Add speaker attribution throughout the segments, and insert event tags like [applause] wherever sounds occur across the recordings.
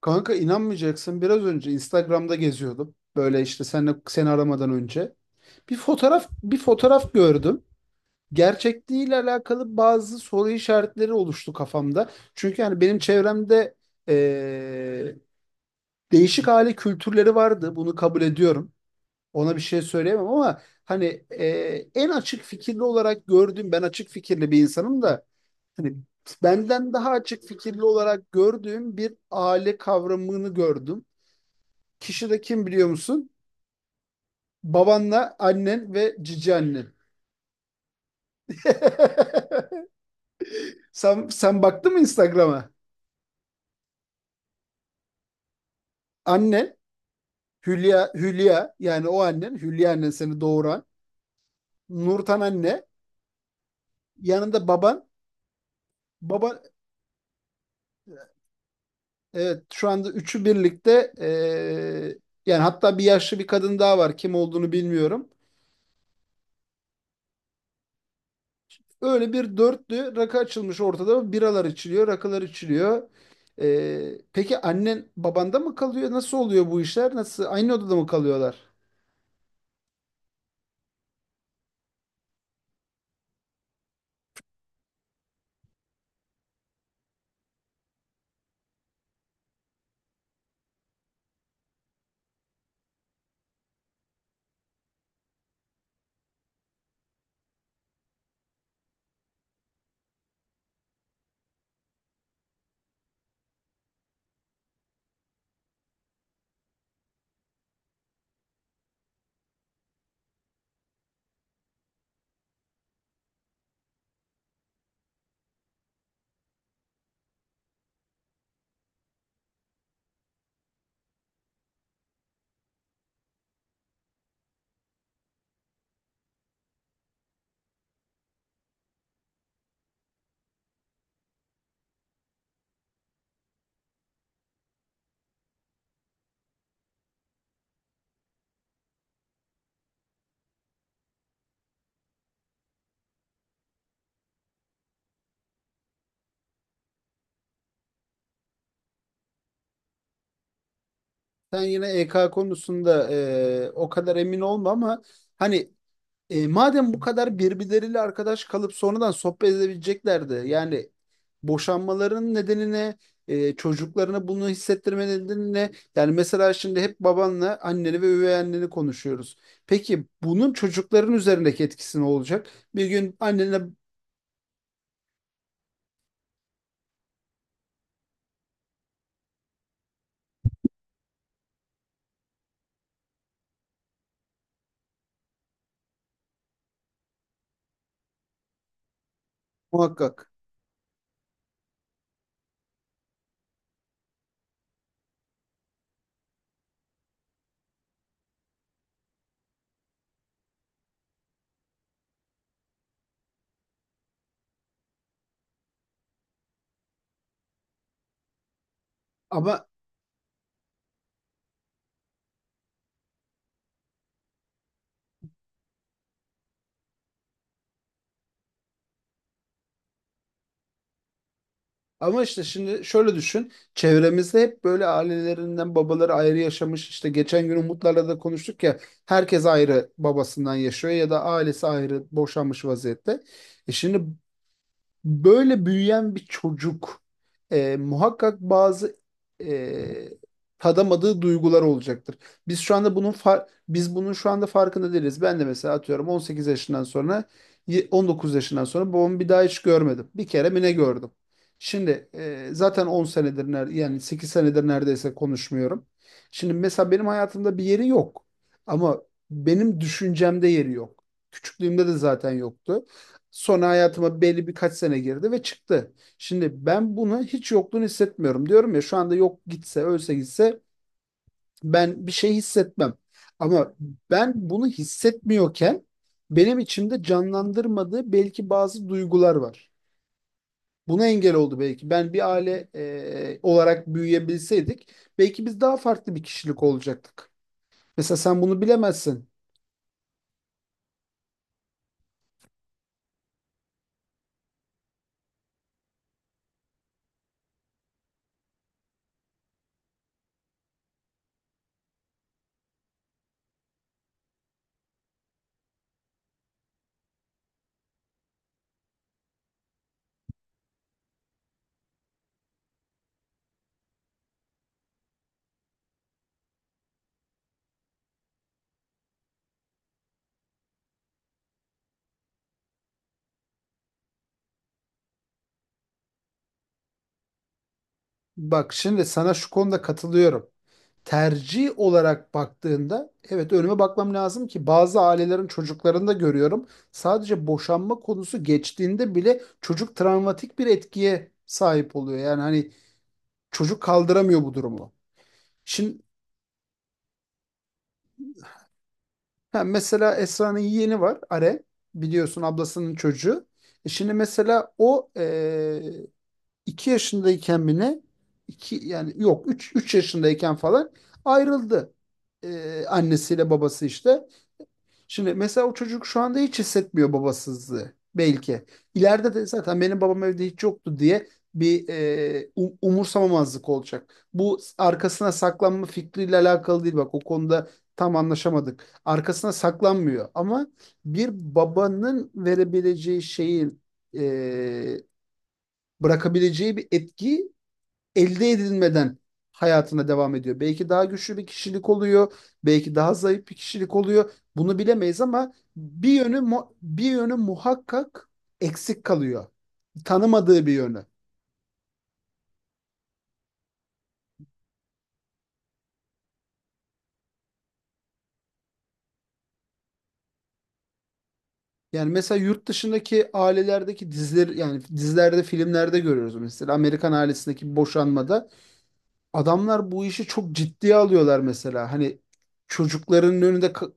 Speaker 1: Kanka inanmayacaksın biraz önce Instagram'da geziyordum. Böyle işte sen seni aramadan önce. Bir fotoğraf gördüm. Gerçekliğiyle alakalı bazı soru işaretleri oluştu kafamda. Çünkü yani benim çevremde eee, değişik aile kültürleri vardı. Bunu kabul ediyorum. Ona bir şey söyleyemem ama hani en açık fikirli olarak gördüğüm ben açık fikirli bir insanım da hani benden daha açık fikirli olarak gördüğüm bir aile kavramını gördüm. Kişi de kim biliyor musun? Babanla annen ve cici annen. [laughs] Sen baktın mı Instagram'a? Annen Hülya yani o annen Hülya annen seni doğuran Nurten anne yanında baban evet şu anda üçü birlikte yani hatta bir yaşlı bir kadın daha var kim olduğunu bilmiyorum. Öyle bir dörtlü rakı açılmış ortada. Biralar içiliyor, rakılar içiliyor. Peki annen babanda mı kalıyor? Nasıl oluyor bu işler? Nasıl? Aynı odada mı kalıyorlar? Sen yine EK konusunda o kadar emin olma ama hani E, madem bu kadar birbirleriyle arkadaş kalıp sonradan sohbet edebileceklerdi. Yani boşanmaların nedenine, çocuklarına bunu hissettirme nedenine. Yani mesela şimdi hep babanla anneni ve üvey anneni konuşuyoruz. Peki bunun çocukların üzerindeki etkisi ne olacak? Bir gün annene muhakkak. Ama Ama işte şimdi şöyle düşün. Çevremizde hep böyle ailelerinden babaları ayrı yaşamış. İşte geçen gün Umutlarla da konuştuk ya. Herkes ayrı babasından yaşıyor ya da ailesi ayrı boşanmış vaziyette. E şimdi böyle büyüyen bir çocuk muhakkak bazı e, tadamadığı duygular olacaktır. Biz şu anda bunun biz bunun şu anda farkında değiliz. Ben de mesela atıyorum 18 yaşından sonra 19 yaşından sonra babamı bir daha hiç görmedim. Bir kere mi ne gördüm? Şimdi zaten 10 senedir yani 8 senedir neredeyse konuşmuyorum. Şimdi mesela benim hayatımda bir yeri yok. Ama benim düşüncemde yeri yok. Küçüklüğümde de zaten yoktu. Sonra hayatıma belli birkaç sene girdi ve çıktı. Şimdi ben bunu hiç yokluğunu hissetmiyorum. Diyorum ya şu anda yok gitse, ölse gitse ben bir şey hissetmem. Ama ben bunu hissetmiyorken benim içimde canlandırmadığı belki bazı duygular var. Buna engel oldu belki. Ben bir aile olarak büyüyebilseydik belki biz daha farklı bir kişilik olacaktık. Mesela sen bunu bilemezsin. Bak şimdi sana şu konuda katılıyorum. Tercih olarak baktığında evet önüme bakmam lazım ki bazı ailelerin çocuklarını da görüyorum. Sadece boşanma konusu geçtiğinde bile çocuk travmatik bir etkiye sahip oluyor. Yani hani çocuk kaldıramıyor bu durumu. Şimdi ha, mesela Esra'nın yeğeni var Are biliyorsun ablasının çocuğu. E şimdi mesela o iki yaşındayken mi ne? İki, yani yok üç yaşındayken falan ayrıldı. E, annesiyle babası işte. Şimdi mesela o çocuk şu anda hiç hissetmiyor babasızlığı belki. İleride de zaten benim babam evde hiç yoktu diye bir umursamamazlık olacak. Bu arkasına saklanma fikriyle alakalı değil bak o konuda tam anlaşamadık. Arkasına saklanmıyor ama bir babanın verebileceği şeyin e, bırakabileceği bir etki elde edilmeden hayatına devam ediyor. Belki daha güçlü bir kişilik oluyor, belki daha zayıf bir kişilik oluyor. Bunu bilemeyiz ama bir yönü muhakkak eksik kalıyor. Tanımadığı bir yönü. Yani mesela yurt dışındaki ailelerdeki diziler yani dizilerde, filmlerde görüyoruz mesela Amerikan ailesindeki boşanmada adamlar bu işi çok ciddiye alıyorlar mesela. Hani çocukların önünde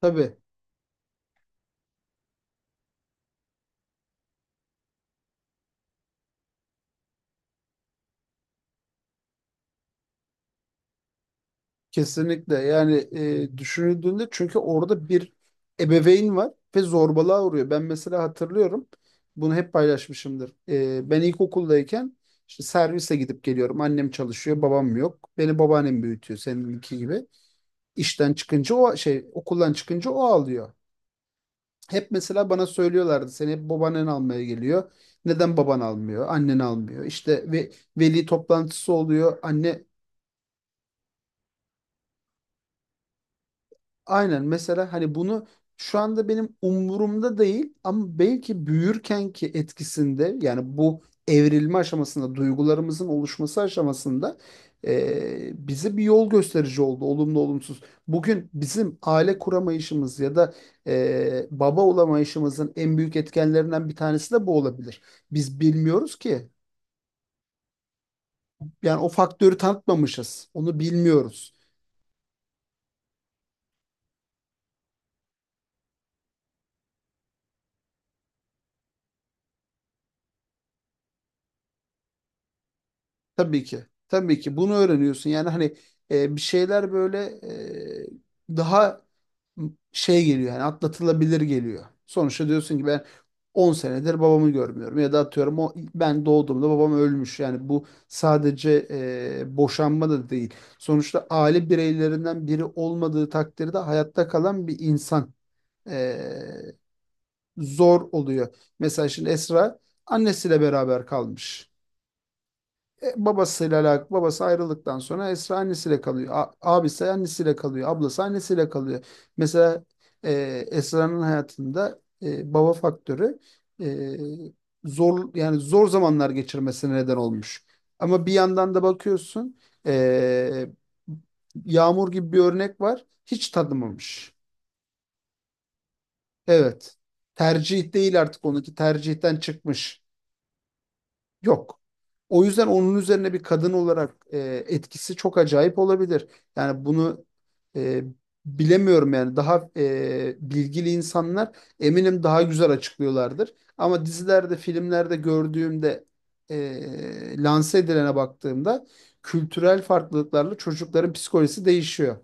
Speaker 1: tabii. Kesinlikle yani düşünüldüğünde çünkü orada bir ebeveyn var ve zorbalığa uğruyor. Ben mesela hatırlıyorum bunu hep paylaşmışımdır. E, ben ilkokuldayken işte servise gidip geliyorum. Annem çalışıyor, babam yok. Beni babaannem büyütüyor seninki gibi. İşten çıkınca o şey okuldan çıkınca o ağlıyor. Hep mesela bana söylüyorlardı seni hep babaannen almaya geliyor. Neden baban almıyor, annen almıyor? İşte ve veli toplantısı oluyor. Anne aynen mesela hani bunu şu anda benim umurumda değil ama belki büyürkenki etkisinde yani bu evrilme aşamasında duygularımızın oluşması aşamasında bize bir yol gösterici oldu olumlu olumsuz. Bugün bizim aile kuramayışımız ya da baba olamayışımızın en büyük etkenlerinden bir tanesi de bu olabilir. Biz bilmiyoruz ki yani o faktörü tanıtmamışız onu bilmiyoruz. Tabii ki. Tabii ki bunu öğreniyorsun. Yani hani bir şeyler böyle daha geliyor yani atlatılabilir geliyor. Sonuçta diyorsun ki ben 10 senedir babamı görmüyorum ya da atıyorum o ben doğduğumda babam ölmüş. Yani bu sadece boşanma da değil. Sonuçta aile bireylerinden biri olmadığı takdirde hayatta kalan bir insan e, zor oluyor. Mesela şimdi Esra annesiyle beraber kalmış babasıyla alakalı. Babası ayrıldıktan sonra Esra annesiyle kalıyor. Abisi annesiyle kalıyor. Ablası annesiyle kalıyor. Mesela e, Esra'nın hayatında baba faktörü e, zor yani zor zamanlar geçirmesine neden olmuş. Ama bir yandan da bakıyorsun e, Yağmur gibi bir örnek var. Hiç tanımamış. Evet. Tercih değil artık onunki tercihten çıkmış. Yok. O yüzden onun üzerine bir kadın olarak etkisi çok acayip olabilir. Yani bunu e, bilemiyorum yani daha bilgili insanlar eminim daha güzel açıklıyorlardır. Ama dizilerde, filmlerde gördüğümde lanse edilene baktığımda kültürel farklılıklarla çocukların psikolojisi değişiyor.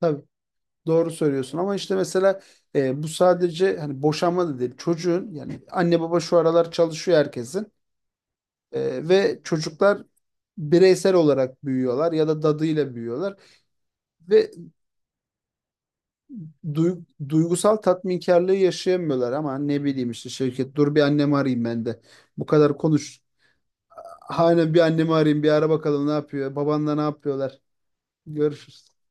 Speaker 1: Tabii doğru söylüyorsun ama işte mesela bu sadece hani boşanma da değil çocuğun yani anne baba şu aralar çalışıyor herkesin. Ve çocuklar bireysel olarak büyüyorlar ya da dadıyla büyüyorlar ve duygusal tatminkarlığı yaşayamıyorlar ama ne bileyim işte Şevket dur bir annemi arayayım ben de. Bu kadar konuş. Hani bir annemi arayayım bir ara bakalım ne yapıyor. Babanla ne yapıyorlar. Görüşürüz.